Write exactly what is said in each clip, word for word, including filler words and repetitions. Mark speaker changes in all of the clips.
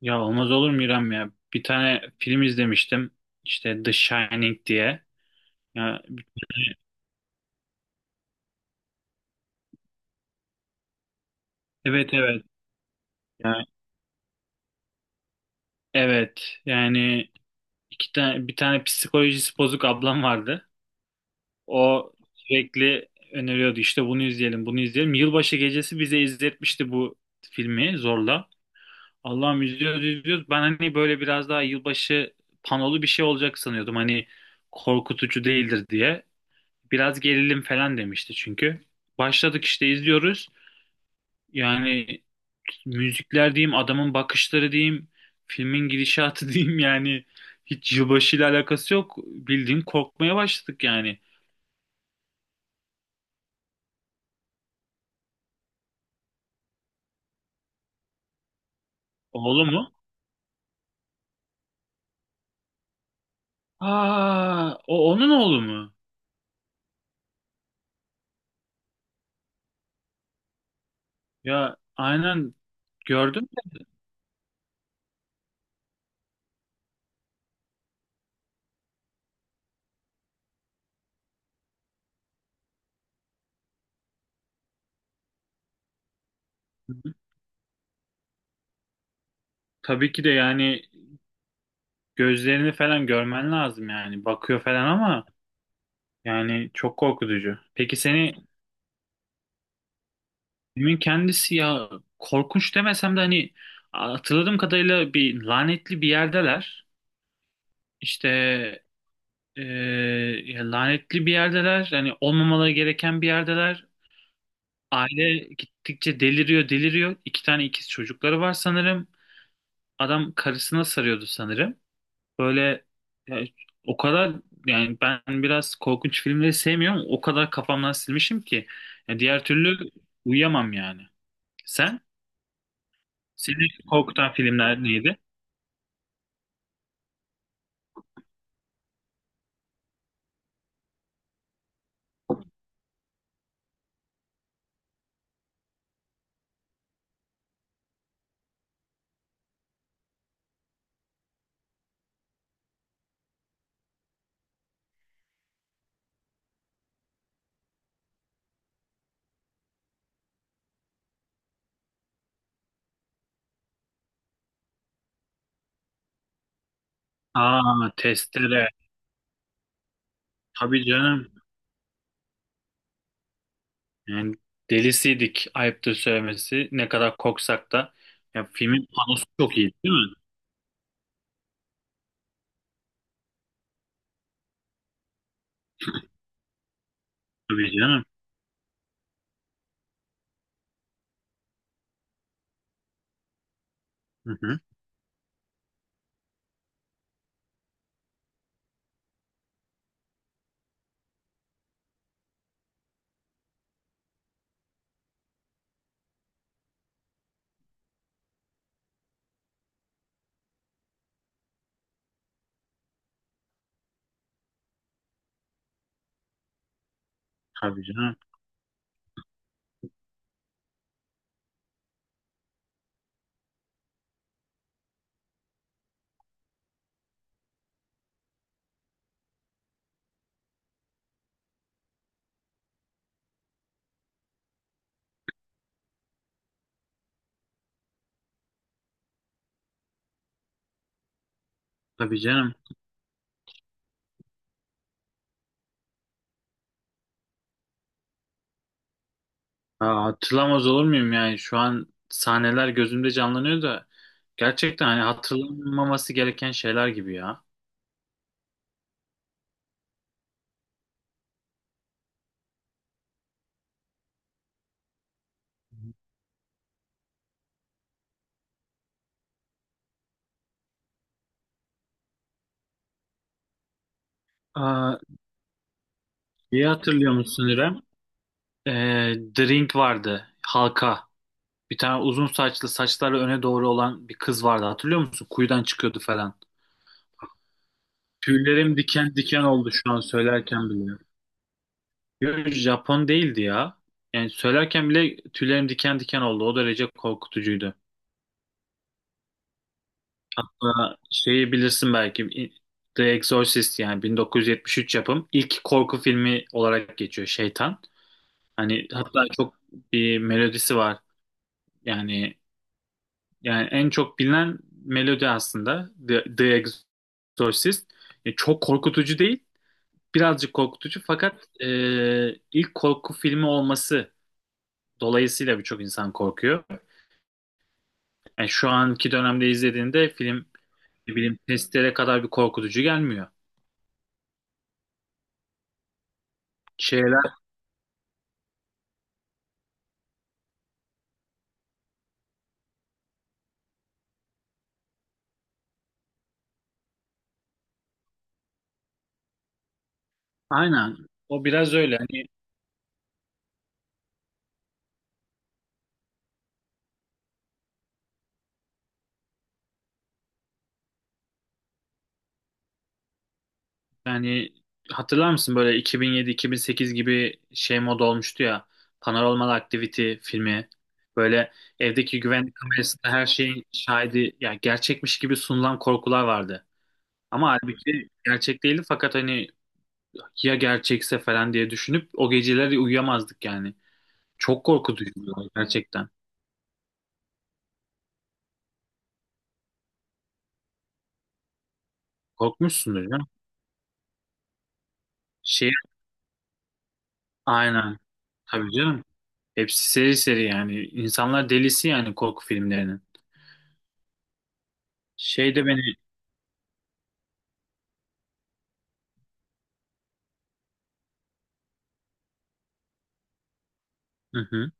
Speaker 1: Ya olmaz olur mu İrem ya? Bir tane film izlemiştim. İşte The Shining diye. Ya, evet, evet. Ya, evet. Yani iki tane bir tane psikolojisi bozuk ablam vardı. O sürekli öneriyordu, işte bunu izleyelim, bunu izleyelim. Yılbaşı gecesi bize izletmişti bu filmi zorla. Allah'ım, izliyoruz izliyoruz. Ben hani böyle biraz daha yılbaşı panolu bir şey olacak sanıyordum. Hani korkutucu değildir diye. Biraz gerilim falan demişti çünkü. Başladık işte, izliyoruz. Yani müzikler diyeyim, adamın bakışları diyeyim, filmin gidişatı diyeyim, yani hiç yılbaşıyla alakası yok. Bildiğin korkmaya başladık yani. Oğlu mu? Aa, o onun oğlu mu? Ya aynen, gördüm. De. Tabii ki de, yani gözlerini falan görmen lazım yani. Bakıyor falan ama yani çok korkutucu. Peki seni filmin kendisi ya korkunç demesem de hani hatırladığım kadarıyla bir lanetli bir yerdeler. İşte Ee, ya lanetli bir yerdeler. Yani olmamaları gereken bir yerdeler. Aile gittikçe deliriyor, deliriyor. İki tane ikiz çocukları var sanırım. Adam karısına sarıyordu sanırım. Böyle ya, o kadar yani ben biraz korkunç filmleri sevmiyorum. O kadar kafamdan silmişim ki. Ya diğer türlü uyuyamam yani. Sen? Seni korkutan filmler neydi? Aa, Testere. Tabii canım. Yani delisiydik, ayıptır söylemesi. Ne kadar koksak da. Ya, filmin panosu çok iyi değil mi? Tabii canım. Hı hı. Tabii canım. Tabii canım. Aa, hatırlamaz olur muyum yani, şu an sahneler gözümde canlanıyor da gerçekten hani hatırlanmaması gereken şeyler gibi ya. Aa, iyi hatırlıyor musun İrem? Ee, Drink vardı. Halka. Bir tane uzun saçlı, saçları öne doğru olan bir kız vardı. Hatırlıyor musun? Kuyudan çıkıyordu falan. Tüylerim diken diken oldu şu an söylerken bile. Yo, Japon değildi ya. Yani söylerken bile tüylerim diken diken oldu. O derece korkutucuydu. Hatta şeyi bilirsin belki, The Exorcist yani bin dokuz yüz yetmiş üç yapım ilk korku filmi olarak geçiyor, Şeytan. Hani hatta çok bir melodisi var. Yani yani en çok bilinen melodi aslında The, The Exorcist. E, çok korkutucu değil, birazcık korkutucu, fakat e, ilk korku filmi olması dolayısıyla birçok insan korkuyor. Yani şu anki dönemde izlediğinde film ne bileyim testlere kadar bir korkutucu gelmiyor. Şeyler aynen, o biraz öyle hani, yani hatırlar mısın böyle iki bin yedi-iki bin sekiz gibi şey moda olmuştu ya, Paranormal Activity filmi, böyle evdeki güvenlik kamerasında her şeyin şahidi yani, gerçekmiş gibi sunulan korkular vardı. Ama halbuki gerçek değildi, fakat hani ya gerçekse falan diye düşünüp o geceleri uyuyamazdık yani. Çok korkutucuydu gerçekten. Korkmuşsundur canım. Şey aynen. Tabii canım. Hepsi seri seri yani. İnsanlar delisi yani korku filmlerinin. Şey de beni, hı hı,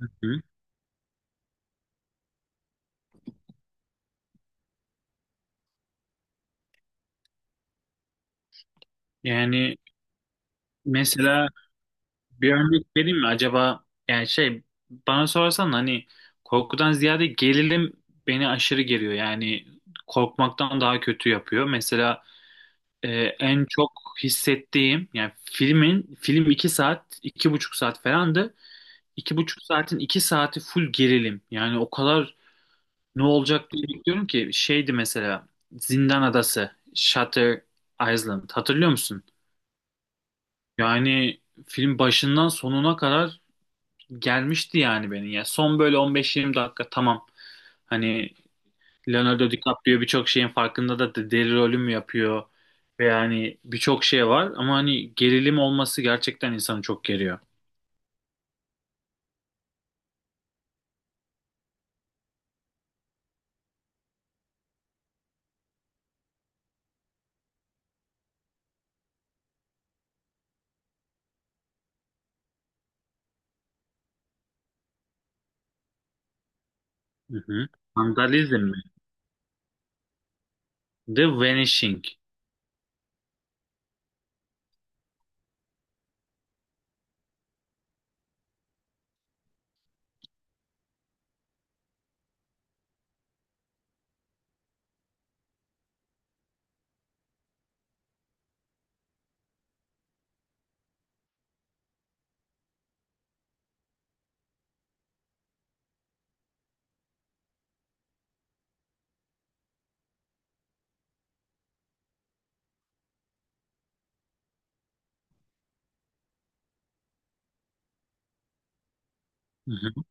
Speaker 1: hı. Yani mesela bir örnek vereyim mi acaba, yani şey, bana sorarsan hani korkudan ziyade gerilim beni aşırı geriyor. Yani korkmaktan daha kötü yapıyor. Mesela Ee, en çok hissettiğim yani, filmin film iki saat, iki buçuk saat falandı. İki buçuk saatin iki saati full gerilim. Yani o kadar ne olacak diye bekliyorum ki şeydi mesela Zindan Adası, Shutter Island, hatırlıyor musun? Yani film başından sonuna kadar gelmişti yani beni. Yani son böyle on beş yirmi dakika tamam. Hani Leonardo DiCaprio birçok şeyin farkında da de- deli rolüm yapıyor. Ve yani birçok şey var ama hani gerilim olması gerçekten insanı çok geriyor. Hı hı. Vandalizm mi? The Vanishing. Hı hı.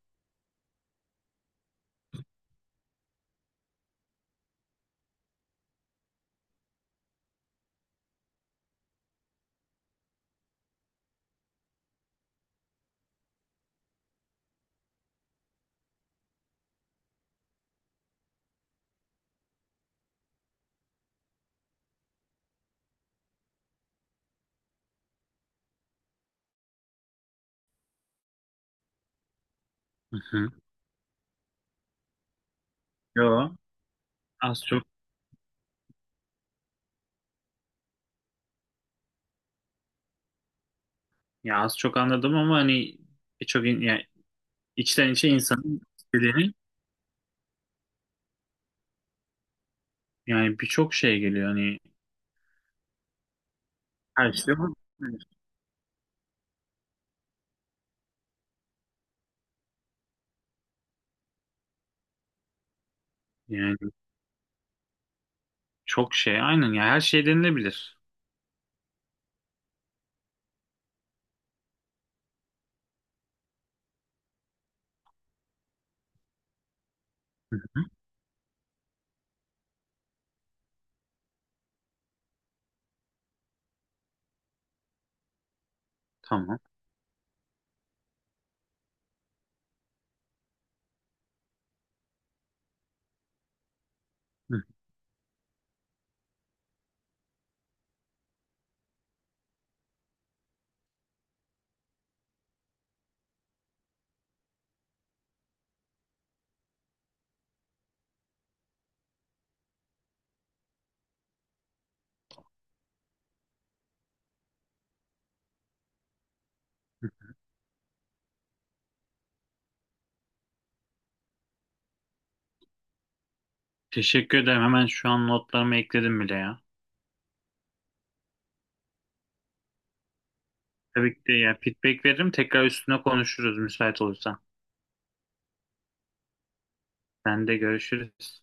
Speaker 1: Hı hı. Yo, az çok ya az çok anladım ama hani birçok in- yani içten içe insanın istediğini, yani birçok şey geliyor hani, her şey bu. Yani çok şey aynen, ya her şey denilebilir. Hı hı. Tamam. Hı. Teşekkür ederim. Hemen şu an notlarımı ekledim bile ya. Tabii ki de, yani feedback veririm. Tekrar üstüne konuşuruz müsait olursan. Sen de görüşürüz.